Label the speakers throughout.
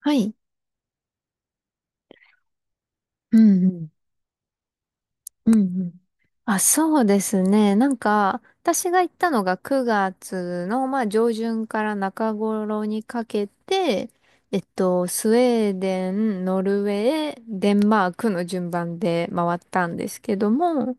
Speaker 1: はい。うんうん。うんうん。あ、そうですね。なんか、私が行ったのが9月の、まあ、上旬から中頃にかけて、スウェーデン、ノルウェー、デンマークの順番で回ったんですけども、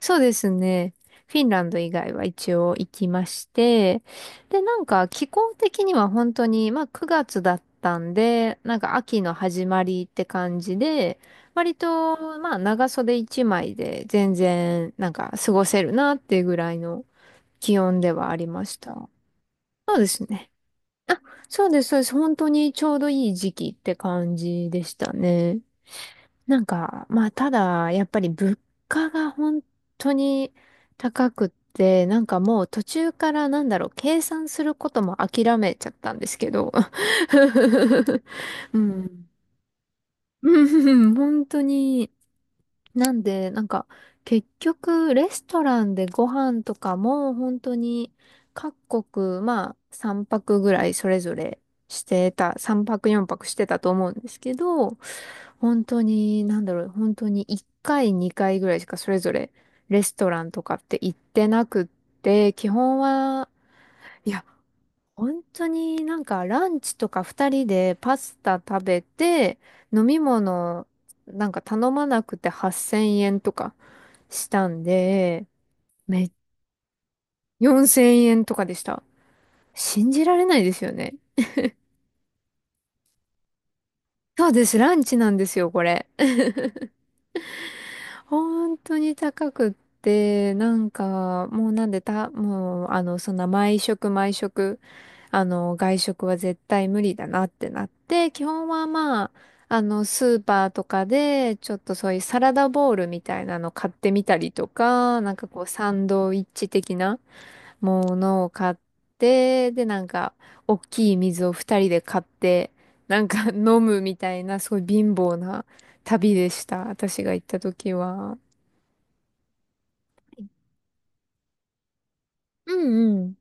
Speaker 1: そうですね。フィンランド以外は一応行きまして、で、なんか気候的には本当に、まあ9月だったんで、なんか秋の始まりって感じで、割と、まあ長袖一枚で全然、なんか過ごせるなっていうぐらいの気温ではありました。そうですね。あ、そうです、そうです。本当にちょうどいい時期って感じでしたね。なんか、まあ、ただ、やっぱり物価が本当に高くって、なんかもう途中からなんだろう、計算することも諦めちゃったんですけど。うん。うん、本当に。なんで、なんか、結局、レストランでご飯とかも、本当に、各国、まあ、3泊ぐらいそれぞれしてた、3泊4泊してたと思うんですけど、本当に、なんだろう、本当に1回、2回ぐらいしかそれぞれ、レストランとかって行ってなくって、基本は、いや、本当になんかランチとか二人でパスタ食べて、飲み物なんか頼まなくて8000円とかしたんで、め、4000円とかでした。信じられないですよね。そうです、ランチなんですよ、これ。本当に高くって、なんか、もうなんでた、もう、そんな毎食毎食外食は絶対無理だなってなって、基本はまあ、スーパーとかで、ちょっとそういうサラダボウルみたいなの買ってみたりとか、なんかこう、サンドイッチ的なものを買って、で、なんか、大きい水を二人で買って、なんか 飲むみたいな、すごい貧乏な旅でした。私が行った時は。うんうん。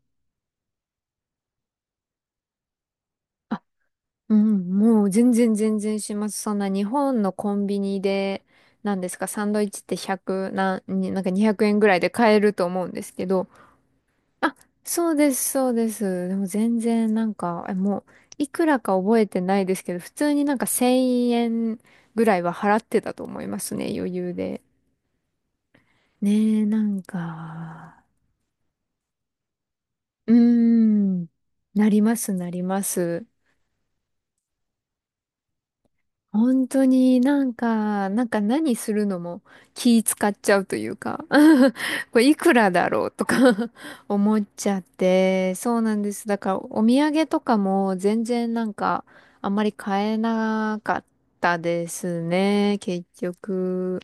Speaker 1: うん、もう全然全然します。そんな日本のコンビニで、なんですか、サンドイッチって100、なんか200円ぐらいで買えると思うんですけど、あ、そうです、そうです。でも全然なんか、もう、いくらか覚えてないですけど、普通になんか1000円ぐらいは払ってたと思いますね、余裕で。ねえ、なんか、うーん、なります、なります。本当になんか何するのも気使っちゃうというか これいくらだろうとか 思っちゃって、そうなんです。だからお土産とかも全然なんかあんまり買えなかったですね、結局。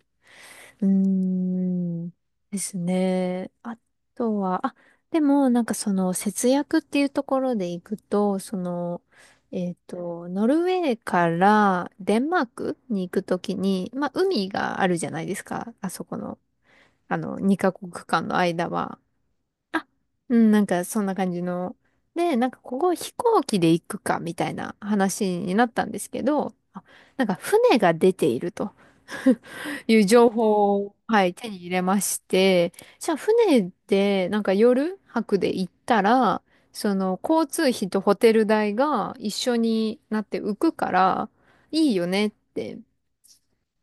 Speaker 1: うーん。ですね。あとは、あ、でも、なんかその節約っていうところでいくと、その、ノルウェーからデンマークに行くときに、まあ、海があるじゃないですか。あそこの、あの、2カ国間の間は。あ、うん、なんかそんな感じの。で、なんかここ飛行機で行くかみたいな話になったんですけど、なんか船が出ていると。いう情報を、はい、手に入れまして、じゃあ船で、なんか夜泊で行ったら、その交通費とホテル代が一緒になって浮くから、いいよねって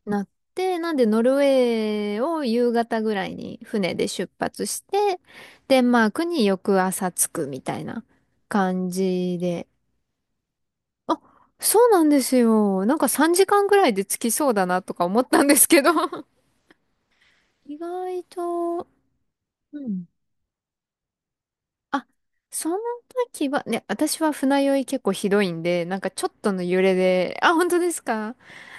Speaker 1: なって、なんでノルウェーを夕方ぐらいに船で出発して、デンマークに翌朝着くみたいな感じで。あ、そうなんですよ。なんか3時間ぐらいで着きそうだなとか思ったんですけど意外と、うん。あ、その時は、ね、私は船酔い結構ひどいんで、なんかちょっとの揺れで、あ、本当ですか？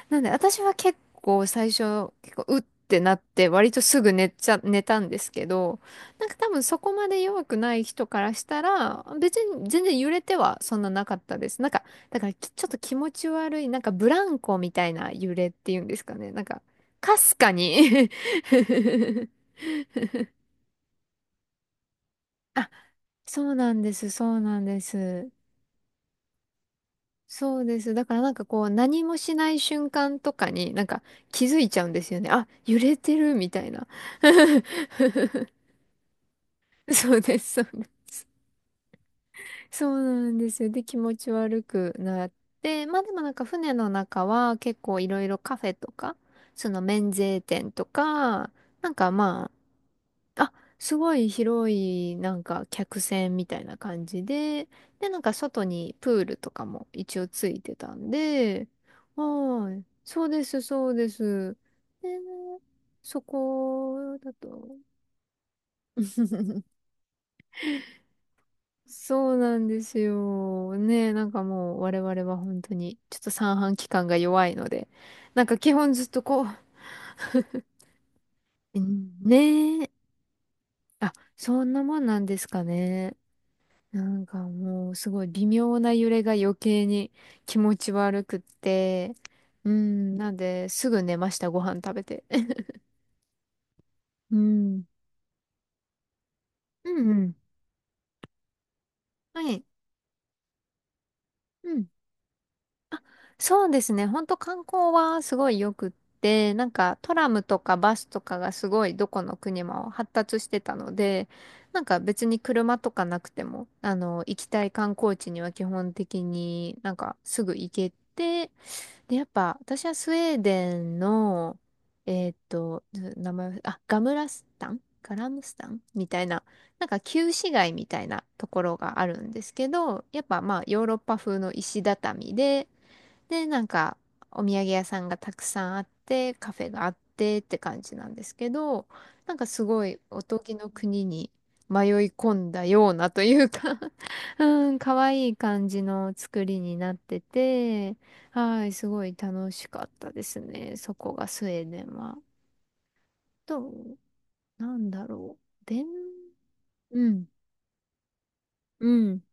Speaker 1: なんで私は結構最初、結構うってなって、割とすぐ寝ちゃ、寝たんですけど、なんか多分そこまで弱くない人からしたら、別に全然揺れてはそんななかったです。なんか、だからちょっと気持ち悪い、なんかブランコみたいな揺れっていうんですかね。なんか、かすかに あ、そうなんです、そうなんです。そうです。だからなんかこう何もしない瞬間とかになんか気づいちゃうんですよね。あ、揺れてるみたいな。そうです、そうです。そうなんですよ。で、気持ち悪くなって、まあでもなんか船の中は結構いろいろカフェとか、その免税店とか、なんかまあ、あ、すごい広いなんか客船みたいな感じで、で、なんか外にプールとかも一応ついてたんで、はい、そうです、そうです。で、そこだと そうなんですよ。ねえ、なんかもう我々は本当にちょっと三半規管が弱いので、なんか基本ずっとこう、ねえ、あ、そんなもんなんですかね。なんかもうすごい微妙な揺れが余計に気持ち悪くって、うん、なんですぐ寝ました、ご飯食べて。うん、うん、うん。はい。うん、そうですね。ほんと観光はすごいよくって、なんかトラムとかバスとかがすごいどこの国も発達してたので、なんか別に車とかなくても、あの、行きたい観光地には基本的になんかすぐ行けて、で、やっぱ私はスウェーデンの、えーっと、名前、あ、ガムラスタンガラムスタンみたいな、なんか旧市街みたいなところがあるんですけど、やっぱまあヨーロッパ風の石畳で、で、なんか、お土産屋さんがたくさんあって、カフェがあってって感じなんですけど、なんかすごいおとぎの国に迷い込んだようなというか うん、可愛い感じの作りになってて、はい、すごい楽しかったですね。そこがスウェーデンは。と、なんだろう。うん、うん。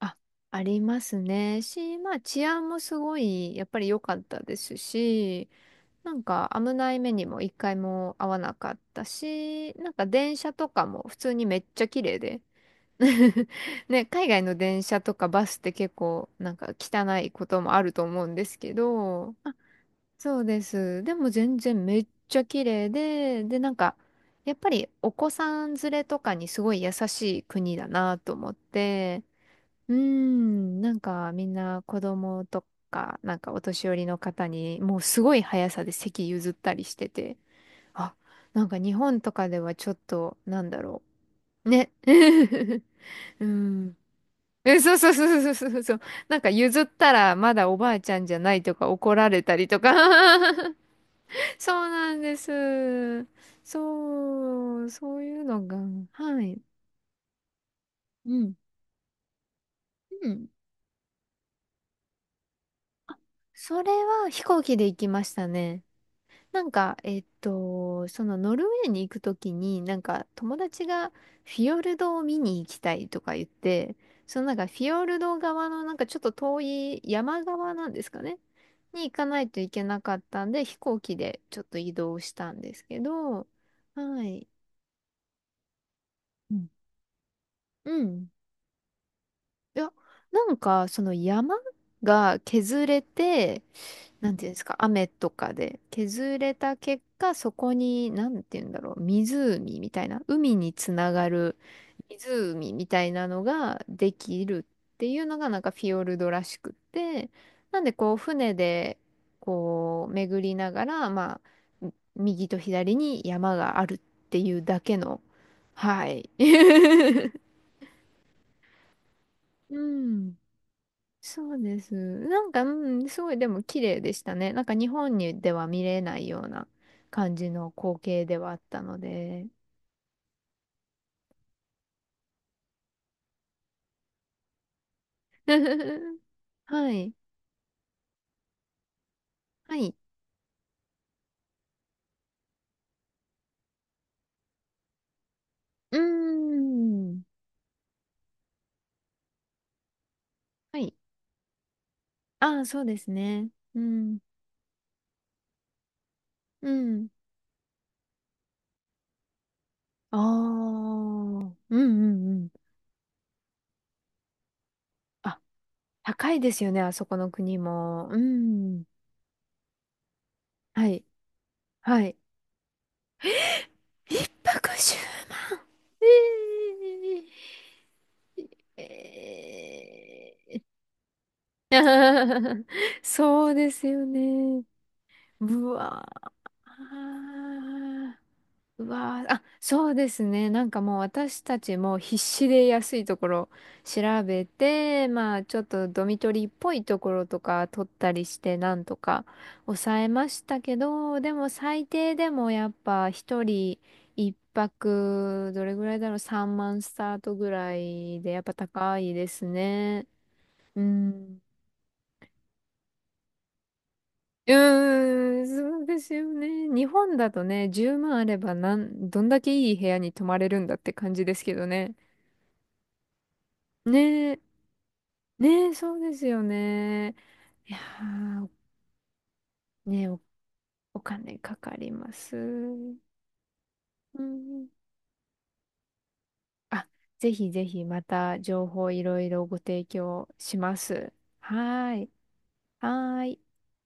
Speaker 1: あ、ありますね。まあ治安もすごい、やっぱり良かったですし、なんか危ない目にも一回も遭わなかったし、なんか電車とかも普通にめっちゃ綺麗で。ね、海外の電車とかバスって結構なんか汚いこともあると思うんですけど、そうです。でも全然めっちゃ綺麗で、でなんかやっぱりお子さん連れとかにすごい優しい国だなと思って、うーん、なんかみんな子供とか、なんかお年寄りの方に、もうすごい速さで席譲ったりしてて、あ、なんか日本とかではちょっと、なんだろう。ね。うん。え、そうそうそうそうそうそうそう。なんか譲ったらまだおばあちゃんじゃないとか怒られたりとか。そうなんです。そう、そういうのが、はい。うん。うん。それは飛行機で行きましたね。なんか、そのノルウェーに行くときに、なんか友達がフィヨルドを見に行きたいとか言って、そのなんかフィヨルド側のなんかちょっと遠い山側なんですかね、に行かないといけなかったんで、飛行機でちょっと移動したんですけど、はい。うんうん。いや、なんか、その山が削れて、なんていうんですか、雨とかで削れた結果、そこに、なんていうんだろう、湖みたいな、海につながる湖みたいなのができるっていうのが、なんかフィヨルドらしくって、なんでこう、船で、こう、巡りながら、まあ、右と左に山があるっていうだけの、はい。うん。そうです。なんか、うん、すごいでも綺麗でしたね。なんか日本にでは見れないような感じの光景ではあったので。はい。はい。うーん。はい。ああ、そうですね。うん。うん。ああ。うんうんうん。あ、高いですよね、あそこの国も。うん。はい。はい。110万。えーえー そうですよね。うわー。うわー。あ、そうですね。なんかもう私たちも必死で安いところ調べて、まあちょっとドミトリーっぽいところとか取ったりしてなんとか抑えましたけど、でも最低でもやっぱ一人一泊どれぐらいだろう、3万スタートぐらいでやっぱ高いですね。うん。うーん、そうですよね。日本だとね、10万あればどんだけいい部屋に泊まれるんだって感じですけどね。ねえ、ねえ、そうですよね。いやー、ねえ、お金かかります。うん。あ、ぜひぜひまた情報いろいろご提供します。はーい。はーい。